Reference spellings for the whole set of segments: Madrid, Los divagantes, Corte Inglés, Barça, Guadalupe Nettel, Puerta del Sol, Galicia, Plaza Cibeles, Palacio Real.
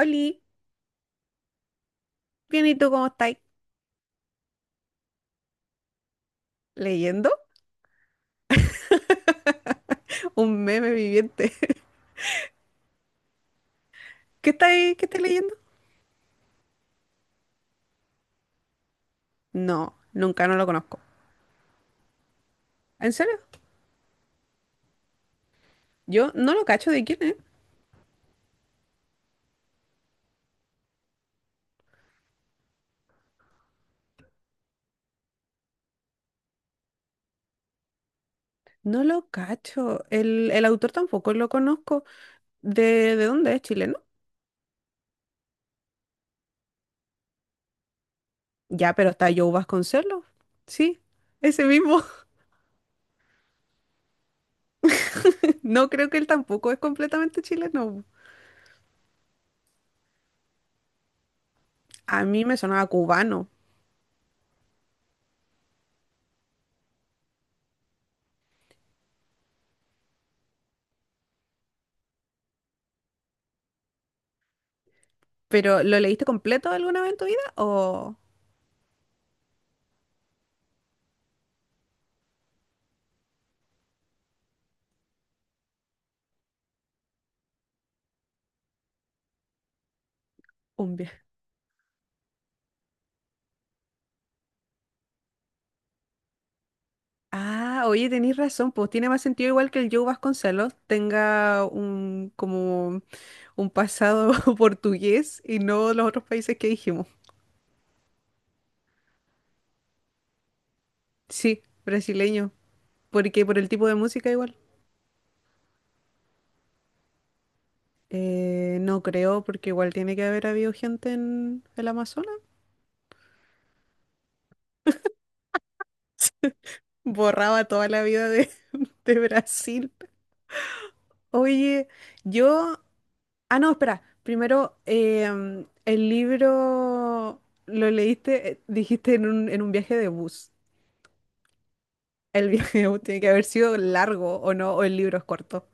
Oli, bien, ¿y tú cómo estáis? ¿Leyendo? Un meme viviente. ¿Qué estáis leyendo? No, nunca, no lo conozco. ¿En serio? Yo no lo cacho de quién es. No lo cacho. El autor tampoco lo conozco. ¿De dónde es? ¿Chileno? Ya, pero está Joe Vasconcelos. Sí, ese mismo. No creo que él tampoco es completamente chileno. A mí me sonaba cubano. ¿Pero lo leíste completo alguna vez en tu vida o un viaje? Ah, oye, tenéis razón, pues tiene más sentido igual que el Joe Vasconcelos tenga un como un pasado portugués y no los otros países que dijimos. Sí, brasileño, porque por el tipo de música igual. No creo, porque igual tiene que haber habido gente en el Amazonas. Borraba toda la vida de, de Brasil. Oye, yo. Ah, no, espera. Primero, el libro lo leíste, dijiste en un viaje de bus. El viaje tiene que haber sido largo o no, o el libro es corto.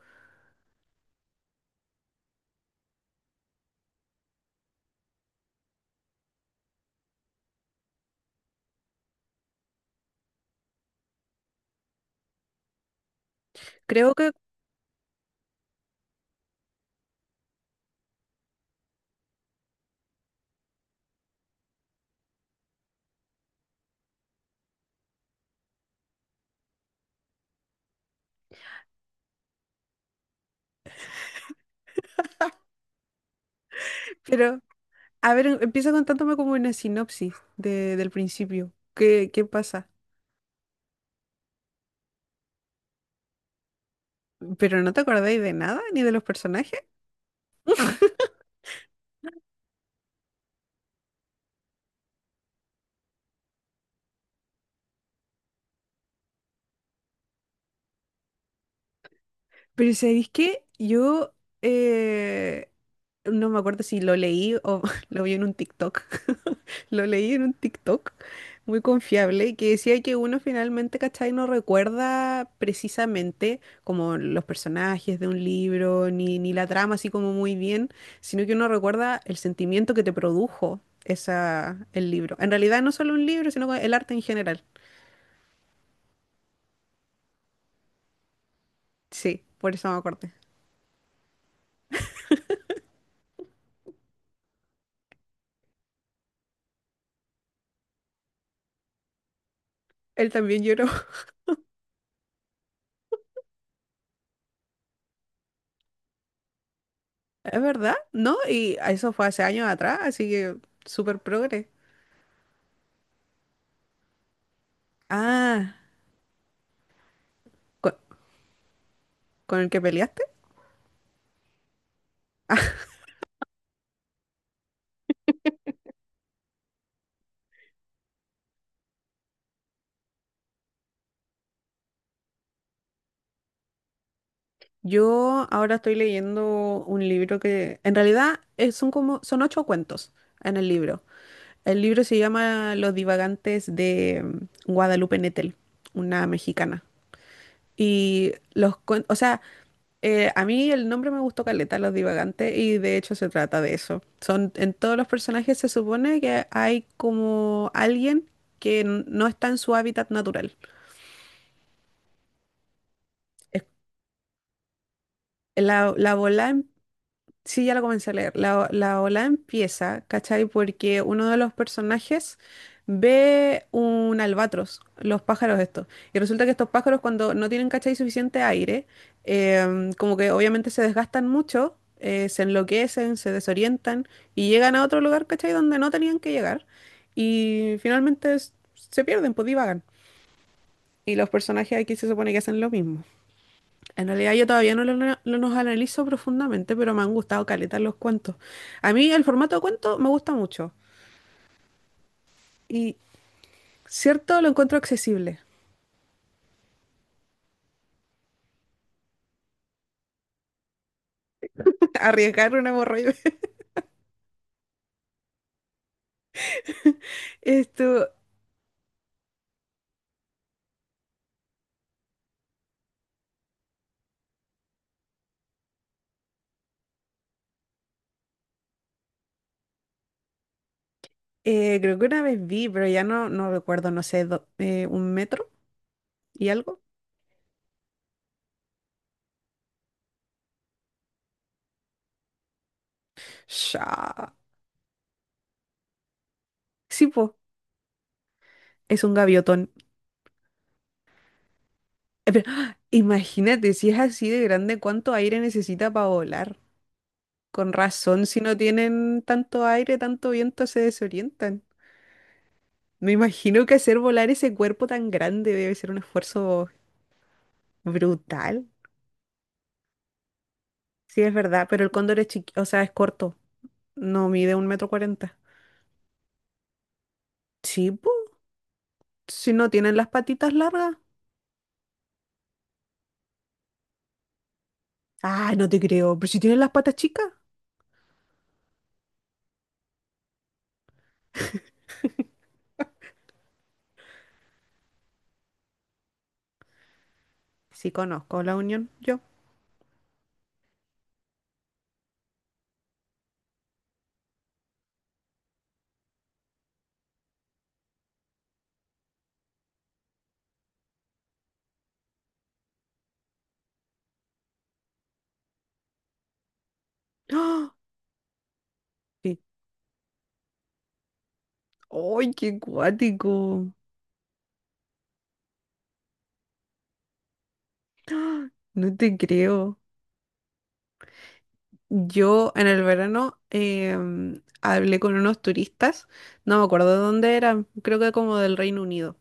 Creo que, pero, a ver, empieza contándome como una sinopsis del principio. ¿Qué pasa? ¿Pero no te acordáis de nada, ni de los personajes? Pero ¿sabéis qué? Yo eh, no me acuerdo si lo leí o lo vi en un TikTok. Lo leí en un TikTok muy confiable que decía que uno finalmente, ¿cachai? No recuerda precisamente como los personajes de un libro ni la trama así como muy bien, sino que uno recuerda el sentimiento que te produjo esa, el libro. En realidad no solo un libro, sino el arte en general. Sí, por eso me acordé. Él también lloró. Es verdad, ¿no? Y eso fue hace años atrás, así que súper progre. Ah, ¿con, con el que peleaste? Yo ahora estoy leyendo un libro que en realidad son ocho cuentos en el libro. El libro se llama Los Divagantes, de Guadalupe Nettel, una mexicana. Y los cuentos, o sea, a mí el nombre me gustó caleta, Los Divagantes, y de hecho se trata de eso. En todos los personajes se supone que hay como alguien que no está en su hábitat natural. Es- La bola Sí, ya la comencé a leer. La ola empieza, ¿cachai? Porque uno de los personajes ve un albatros, los pájaros estos. Y resulta que estos pájaros, cuando no tienen, ¿cachai? Suficiente aire, como que obviamente se desgastan mucho, se enloquecen, se desorientan y llegan a otro lugar, ¿cachai? Donde no tenían que llegar. Y finalmente se pierden, pues divagan. Y los personajes aquí se supone que hacen lo mismo. En realidad yo todavía no los analizo profundamente, pero me han gustado caleta los cuentos. A mí el formato de cuento me gusta mucho y cierto, lo encuentro accesible. Arriesgar una hemorroide. Esto, creo que una vez vi, pero ya no, no recuerdo, no sé, un metro y algo. Sha. Sí, po, es un gaviotón. Pero, ¡Ah! Imagínate, si es así de grande, ¿cuánto aire necesita para volar? Con razón, si no tienen tanto aire, tanto viento, se desorientan. Me imagino que hacer volar ese cuerpo tan grande debe ser un esfuerzo brutal. Sí, es verdad, pero el cóndor es chiqui, o sea, es corto. No mide 1,40 m. Sí, po, si no tienen las patitas largas. Ah, no te creo, pero si tienen las patas chicas. Sí, conozco La Unión, yo. ¡Ah! Sí. ¡Ay, qué cuático! ¡Ah! No te creo. Yo en el verano hablé con unos turistas, no me acuerdo de dónde eran, creo que como del Reino Unido.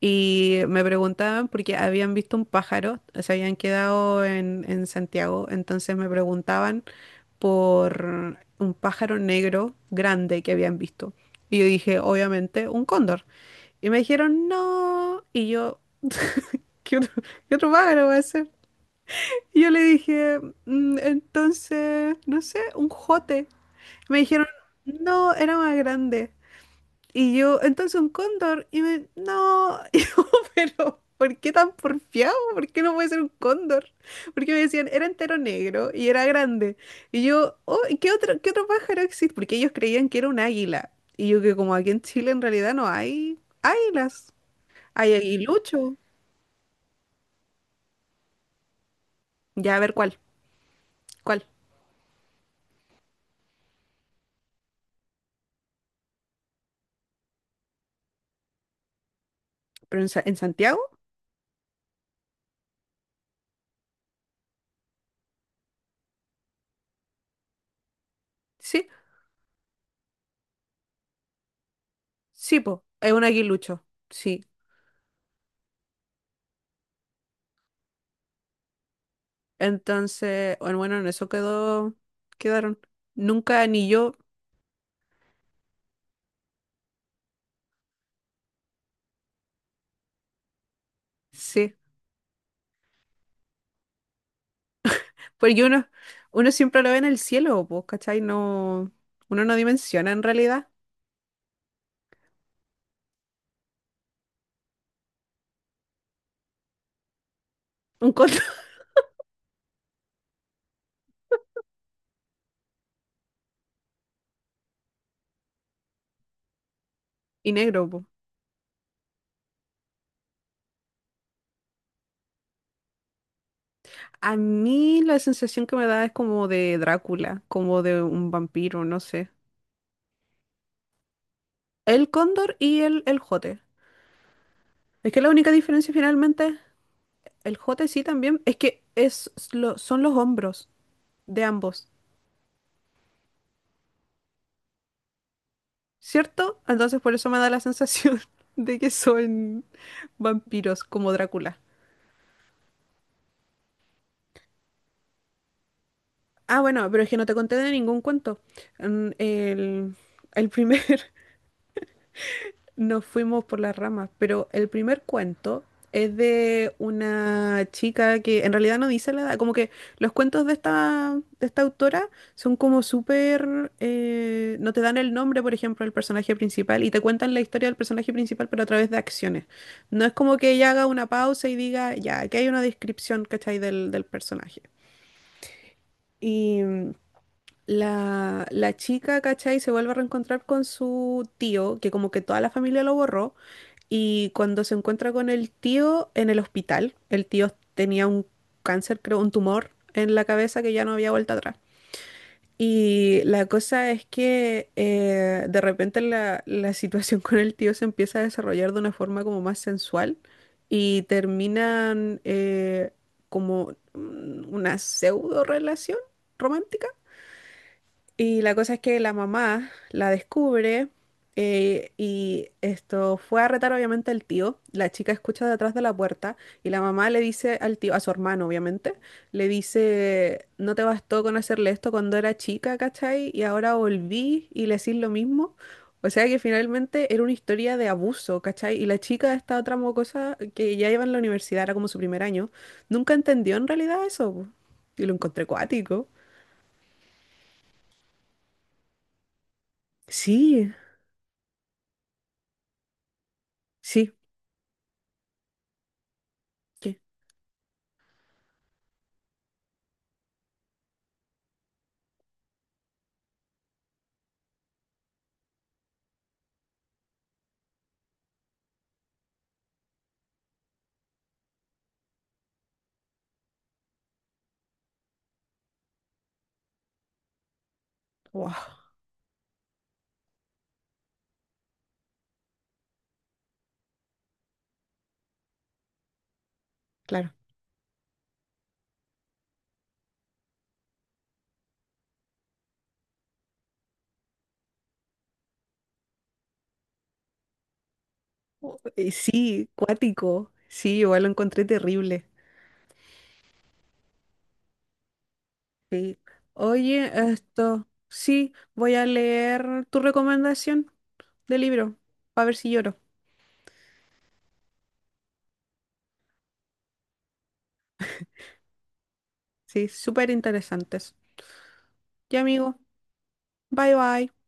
Y me preguntaban porque habían visto un pájaro, se habían quedado en Santiago, entonces me preguntaban por un pájaro negro grande que habían visto. Y yo dije, obviamente, un cóndor. Y me dijeron, no. Y yo, ¿qué otro, qué otro pájaro va a ser? Y yo le dije: "Entonces, no sé, un jote". Me dijeron, no, era más grande. Y yo, entonces un cóndor, y me, no, y yo, pero ¿por qué tan porfiado? ¿Por qué no puede ser un cóndor? Porque me decían, era entero negro y era grande. Y yo, oh, ¿y qué otro, qué otro pájaro existe? Porque ellos creían que era un águila. Y yo, que como aquí en Chile en realidad no hay águilas, hay aguilucho. Ya, a ver cuál, cuál. ¿Pero en Santiago? Sí, sí, po, es un aguilucho, sí. Entonces, bueno, bueno, en eso quedó, quedaron. Nunca ni yo, sí. Porque uno siempre lo ve en el cielo, pues, ¿cachai? No, uno no dimensiona en realidad un color y negro, pues. A mí la sensación que me da es como de Drácula, como de un vampiro, no sé. El cóndor y el jote. Es que la única diferencia finalmente, el jote sí también, es que son los hombros de ambos, ¿cierto? Entonces por eso me da la sensación de que son vampiros como Drácula. Ah, bueno, pero es que no te conté de ningún cuento. Mm, El, el primer, Nos fuimos por las ramas, pero el primer cuento es de una chica que en realidad no dice la edad, como que los cuentos de esta, autora son como súper, no te dan el nombre, por ejemplo, del personaje principal y te cuentan la historia del personaje principal, pero a través de acciones. No es como que ella haga una pausa y diga, ya, aquí hay una descripción, ¿cachai? Del personaje. Y la chica, ¿cachai? Se vuelve a reencontrar con su tío, que como que toda la familia lo borró, y cuando se encuentra con el tío en el hospital, el tío tenía un cáncer, creo, un tumor en la cabeza que ya no había vuelta atrás. Y la cosa es que de repente la situación con el tío se empieza a desarrollar de una forma como más sensual y terminan como una pseudo relación romántica. Y la cosa es que la mamá la descubre, y esto fue a retar obviamente al tío. La chica escucha detrás de la puerta y la mamá le dice al tío, a su hermano obviamente, le dice, no te bastó con hacerle esto cuando era chica, ¿cachai? Y ahora volví y le decís lo mismo. O sea que finalmente era una historia de abuso, ¿cachai? Y la chica, esta otra mocosa que ya iba en la universidad, era como su primer año, nunca entendió en realidad eso, po. Y lo encontré cuático. Sí, sí. ¿Qué? Wow, claro. Oh, sí, cuático. Sí, igual lo encontré terrible. Sí. Oye, esto, sí, voy a leer tu recomendación de libro, para ver si lloro. Sí, súper interesantes. Ya, amigo, bye bye.